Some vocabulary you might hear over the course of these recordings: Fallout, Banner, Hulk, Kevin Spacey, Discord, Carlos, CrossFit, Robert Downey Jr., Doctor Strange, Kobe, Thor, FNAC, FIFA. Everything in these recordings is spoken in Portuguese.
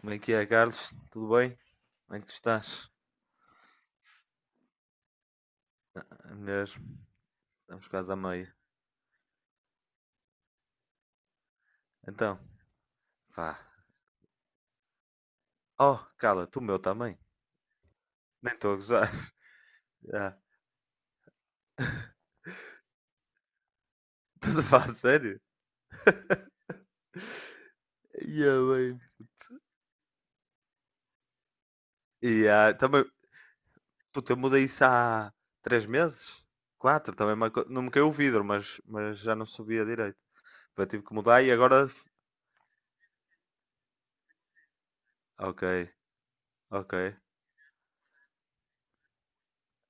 Como é que é, Carlos? Tudo bem? Como é que tu estás? Ah, mesmo, estamos quase à meia. Então, vá. Oh, cala, tu o meu também. Nem estou a gozar. Já. Estás a falar a sério? Yeah, bem. E, também, puta, eu mudei isso há três meses? Quatro, também não me caiu o vidro, mas já não subia direito. Eu tive que mudar e agora. Ok, ok,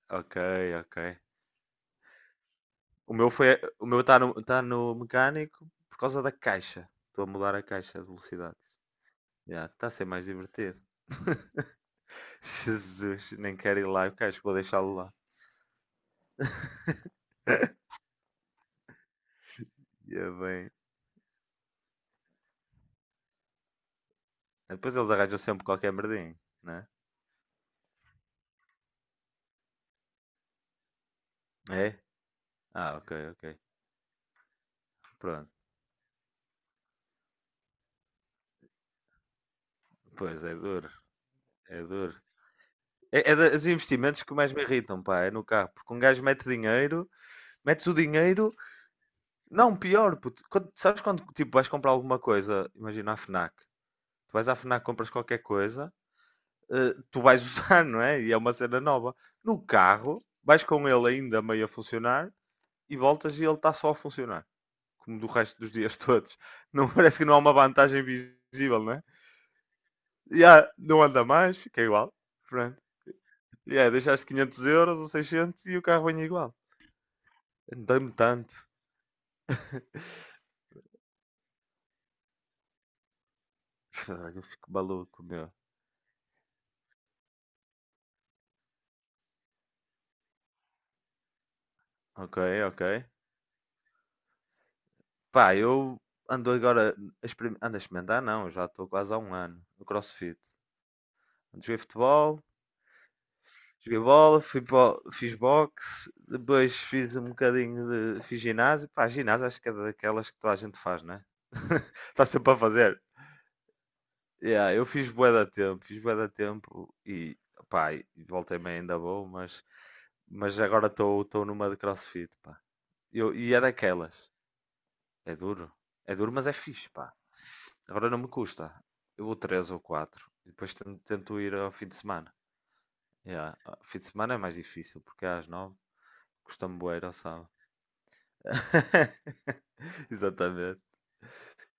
ok, ok. O meu está tá no mecânico por causa da caixa. Estou a mudar a caixa de velocidades. Já, está a ser mais divertido. Jesus, nem quero ir lá, eu quero, acho que vou deixá-lo lá. Ya bem. Depois eles arranjam sempre qualquer merdinho, né? É? Ah, ok, ok. Pronto. Pois é duro, é duro. É dos investimentos que mais me irritam, pá, é no carro. Porque um gajo mete dinheiro, metes o dinheiro, não, pior, puto. Sabes quando tipo, vais comprar alguma coisa, imagina a FNAC. Tu vais à FNAC, compras qualquer coisa tu vais usar, não é? E é uma cena nova. No carro, vais com ele ainda meio a funcionar e voltas e ele está só a funcionar, como do resto dos dias todos. Não parece que não há uma vantagem visível, não é? Já, não anda mais, fica igual. Pronto. Yeah, deixaste 500€ ou 600 e o carro vem igual. Andei-me tanto. Eu fico maluco, meu. Ok, ok. Pá, eu ando agora ando a experimentar, não, eu já estou quase há um ano no CrossFit. Joguei futebol, joguei bola, fiz boxe, depois fiz um bocadinho de. Fiz ginásio. Pá, ginásio acho que é daquelas que toda a gente faz, não é? Está sempre a fazer. Yeah, eu fiz bué da tempo, fiz bué da tempo e pá, e voltei-me ainda bom, mas, agora estou numa de CrossFit, pá. E é daquelas. É duro. É duro, mas é fixe, pá. Agora não me custa. Eu vou três ou quatro. E depois tento ir ao fim de semana. Yeah. Ao fim de semana é mais difícil, porque é às nove. Custa-me bué ir ao sábado. Exatamente.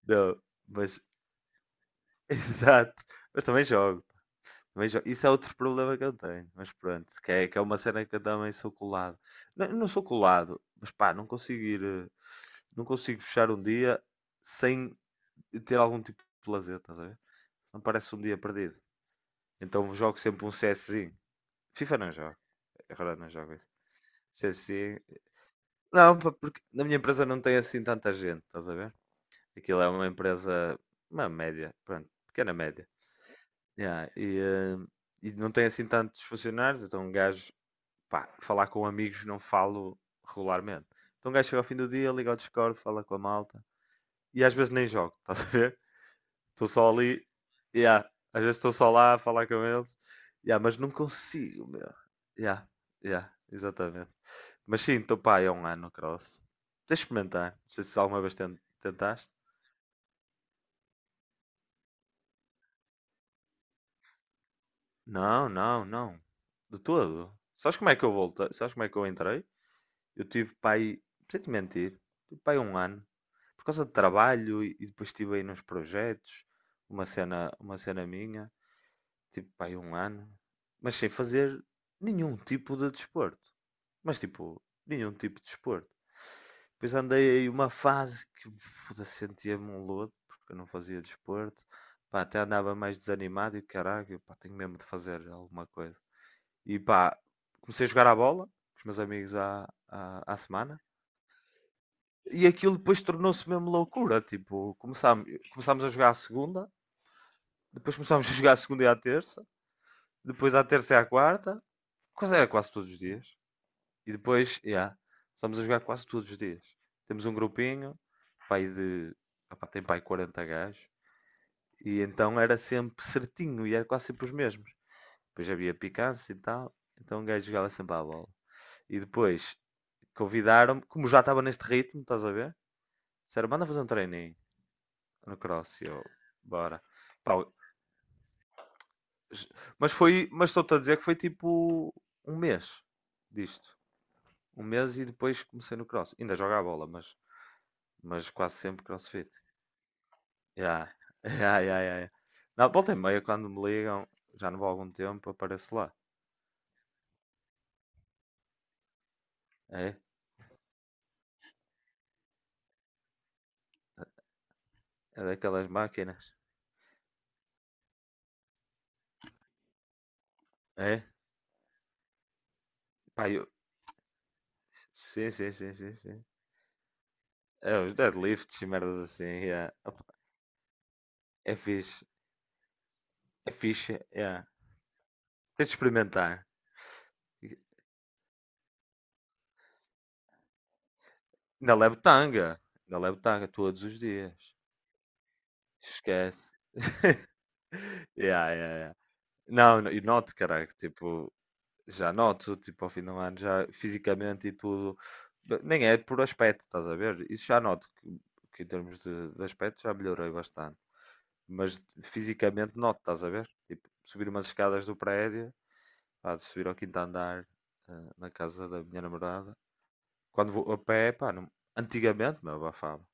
Não, mas exato. Mas também jogo. Também jogo. Isso é outro problema que eu tenho. Mas pronto, que é uma cena que eu também sou colado. Não, não sou colado, mas pá, não consigo ir. Não consigo fechar um dia sem ter algum tipo de lazer, estás a ver? Senão parece um dia perdido. Então jogo sempre um CSzinho. FIFA não jogo. Agora não jogo isso. CSzinho. Não, pá, porque na minha empresa não tem assim tanta gente, estás a ver? Aquilo é uma empresa, uma média, pronto, pequena média. Yeah, e não tem assim tantos funcionários, então um gajo, pá, falar com amigos não falo regularmente. Então um gajo chega ao fim do dia, liga ao Discord, fala com a malta. E às vezes nem jogo, estás a ver? Estou só ali, yeah, às vezes estou só lá a falar com eles, yeah, mas não consigo, meu. Yeah, yeah, exatamente. Mas sim, estou pá, é um ano cross. Tens de experimentar, não sei se alguma vez tentaste. Não, não, não. De todo. Sabes como é que eu voltei? Sabes como é que eu entrei? Eu tive pai, sem te mentir, tive pai um ano. Por causa de trabalho e depois estive aí nos projetos, uma cena minha, tipo pai um ano, mas sem fazer nenhum tipo de desporto. Mas tipo, nenhum tipo de desporto. Depois andei aí uma fase que foda-se, sentia-me um lodo, porque eu não fazia desporto. Pá, até andava mais desanimado e caralho, pá, tenho mesmo de fazer alguma coisa. E pá, comecei a jogar à bola com os meus amigos à semana. E aquilo depois tornou-se mesmo loucura. Tipo, começámos a jogar à segunda, depois começámos a jogar à segunda e à terça, depois à terça e à quarta, quase era quase todos os dias. E depois, yeah, começámos a jogar quase todos os dias. Temos um grupinho, pai de. Opá, tem pai 40 gajos. E então era sempre certinho e era quase sempre os mesmos. Depois havia picância e tal. Então um gajo jogava sempre à bola. E depois convidaram-me, como já estava neste ritmo, estás a ver? Disseram, manda fazer um treininho no cross. E eu, bora. Pá, mas foi, mas estou-te a dizer que foi tipo um mês disto. Um mês e depois comecei no cross. Ainda jogo a bola, mas quase sempre crossfit. Yeah. Yeah, yeah, yeah. Na volta e meia, quando me ligam, já não vou há algum tempo, apareço lá. É? É daquelas máquinas. É? Pá, eu... Sim, sim, sim, sim, sim. É, os deadlifts e merdas assim. Yeah. Opa, é fixe. É fixe, é. Tens de experimentar. Ainda levo tanga. Ainda levo tanga todos os dias. Esquece. Yeah, yeah, yeah. Não, e noto, caraca, tipo, já noto, tipo, ao fim do ano, já fisicamente e tudo. Nem é por aspecto, estás a ver? Isso já noto que, em termos de, aspecto já melhorei bastante. Mas fisicamente noto, estás a ver? Tipo, subir umas escadas do prédio, pá, de subir ao quinto andar na casa da minha namorada. Quando vou a pé, pá, antigamente, meu, abafava.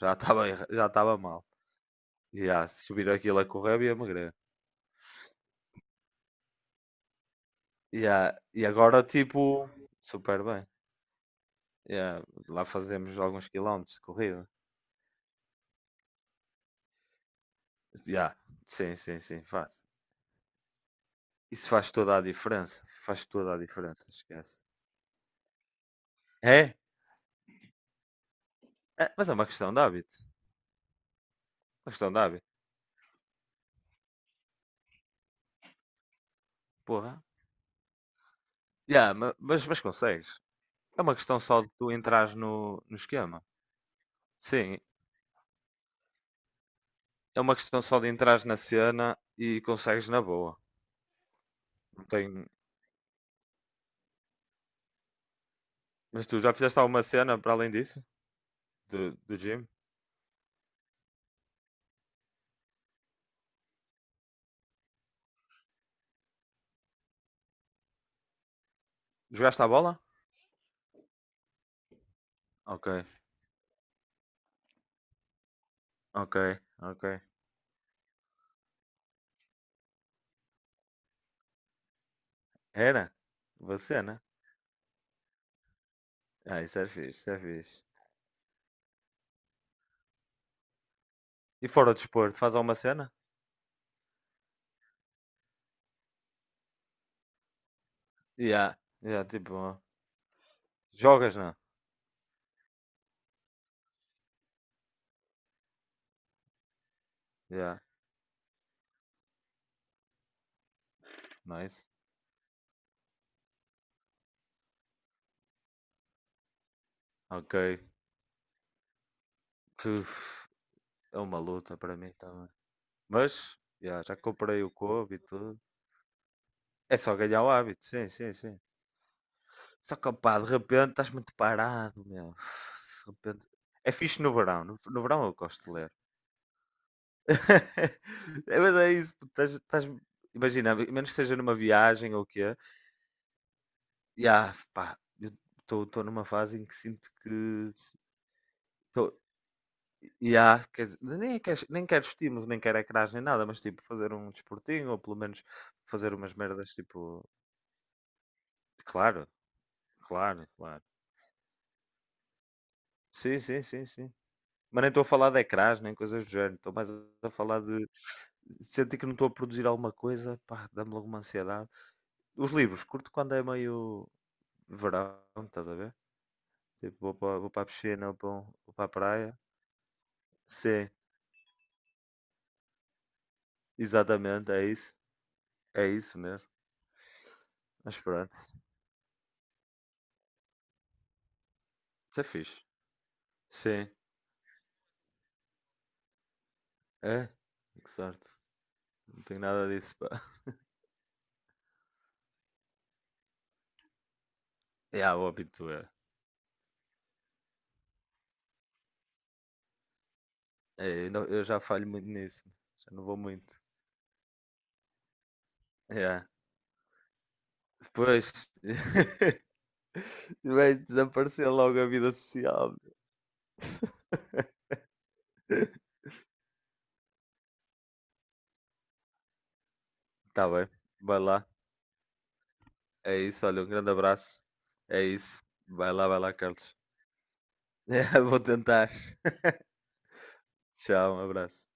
Já estava já estava mal. E se subir aquilo a correr, eu ia magrer. E agora, tipo, super bem. E lá fazemos alguns quilómetros de corrida. E, ah, sim, sim, sim, faz. Isso faz toda a diferença. Faz toda a diferença, esquece. É? É, mas é uma questão de hábito. Uma questão de hábito. Porra. Já, mas consegues. É uma questão só de tu entrares no esquema. Sim, é uma questão só de entrares na cena e consegues na boa. Não tem... Mas tu já fizeste alguma cena para além disso? Do gym? Jogaste à bola? Ok, ok, ok. Era? Boa cena. Ah, isso é fixe, isso é fixe. E fora do desporto, faz alguma cena? Yeah, yeah, tipo, jogas, não? Yeah, nice. Ok. Uf, é uma luta para mim também. Mas, yeah, já comprei o Kobe e tudo. É só ganhar o hábito, sim, sim, sim. Só que, opá, de repente estás muito parado, meu. De repente. É fixe no verão. no, verão eu gosto de ler. É, mas é isso. Pô, imagina menos que seja numa viagem ou o quê. E, pá, eu estou numa fase em que sinto que. Tô, e há, quer dizer, nem quero estímulos, nem quero ecrãs, nem nada, mas tipo fazer um desportinho ou pelo menos fazer umas merdas tipo. Claro, claro, claro. Sim, sim, sim, sim. Mas nem estou a falar de ecrãs, nem coisas do género, estou mais a falar de sentir que não estou a produzir alguma coisa, pá, dá-me logo uma ansiedade. Os livros, curto quando é meio verão, estás a ver? Tipo, vou para, vou para a piscina, vou para, vou para a praia. Sim, exatamente, é isso. É isso mesmo. Mas pronto, isso é fixe. Sim, é. Que sorte. Não tenho nada disso, pá. É, o hábito é. É, eu, não- eu já falho muito nisso. Já não vou muito. É, depois. Vai desaparecer logo a vida social. Tá bem, vai lá. É isso, olha, um grande abraço. É isso. Vai lá, Carlos. Vou tentar. Tchau, um abraço.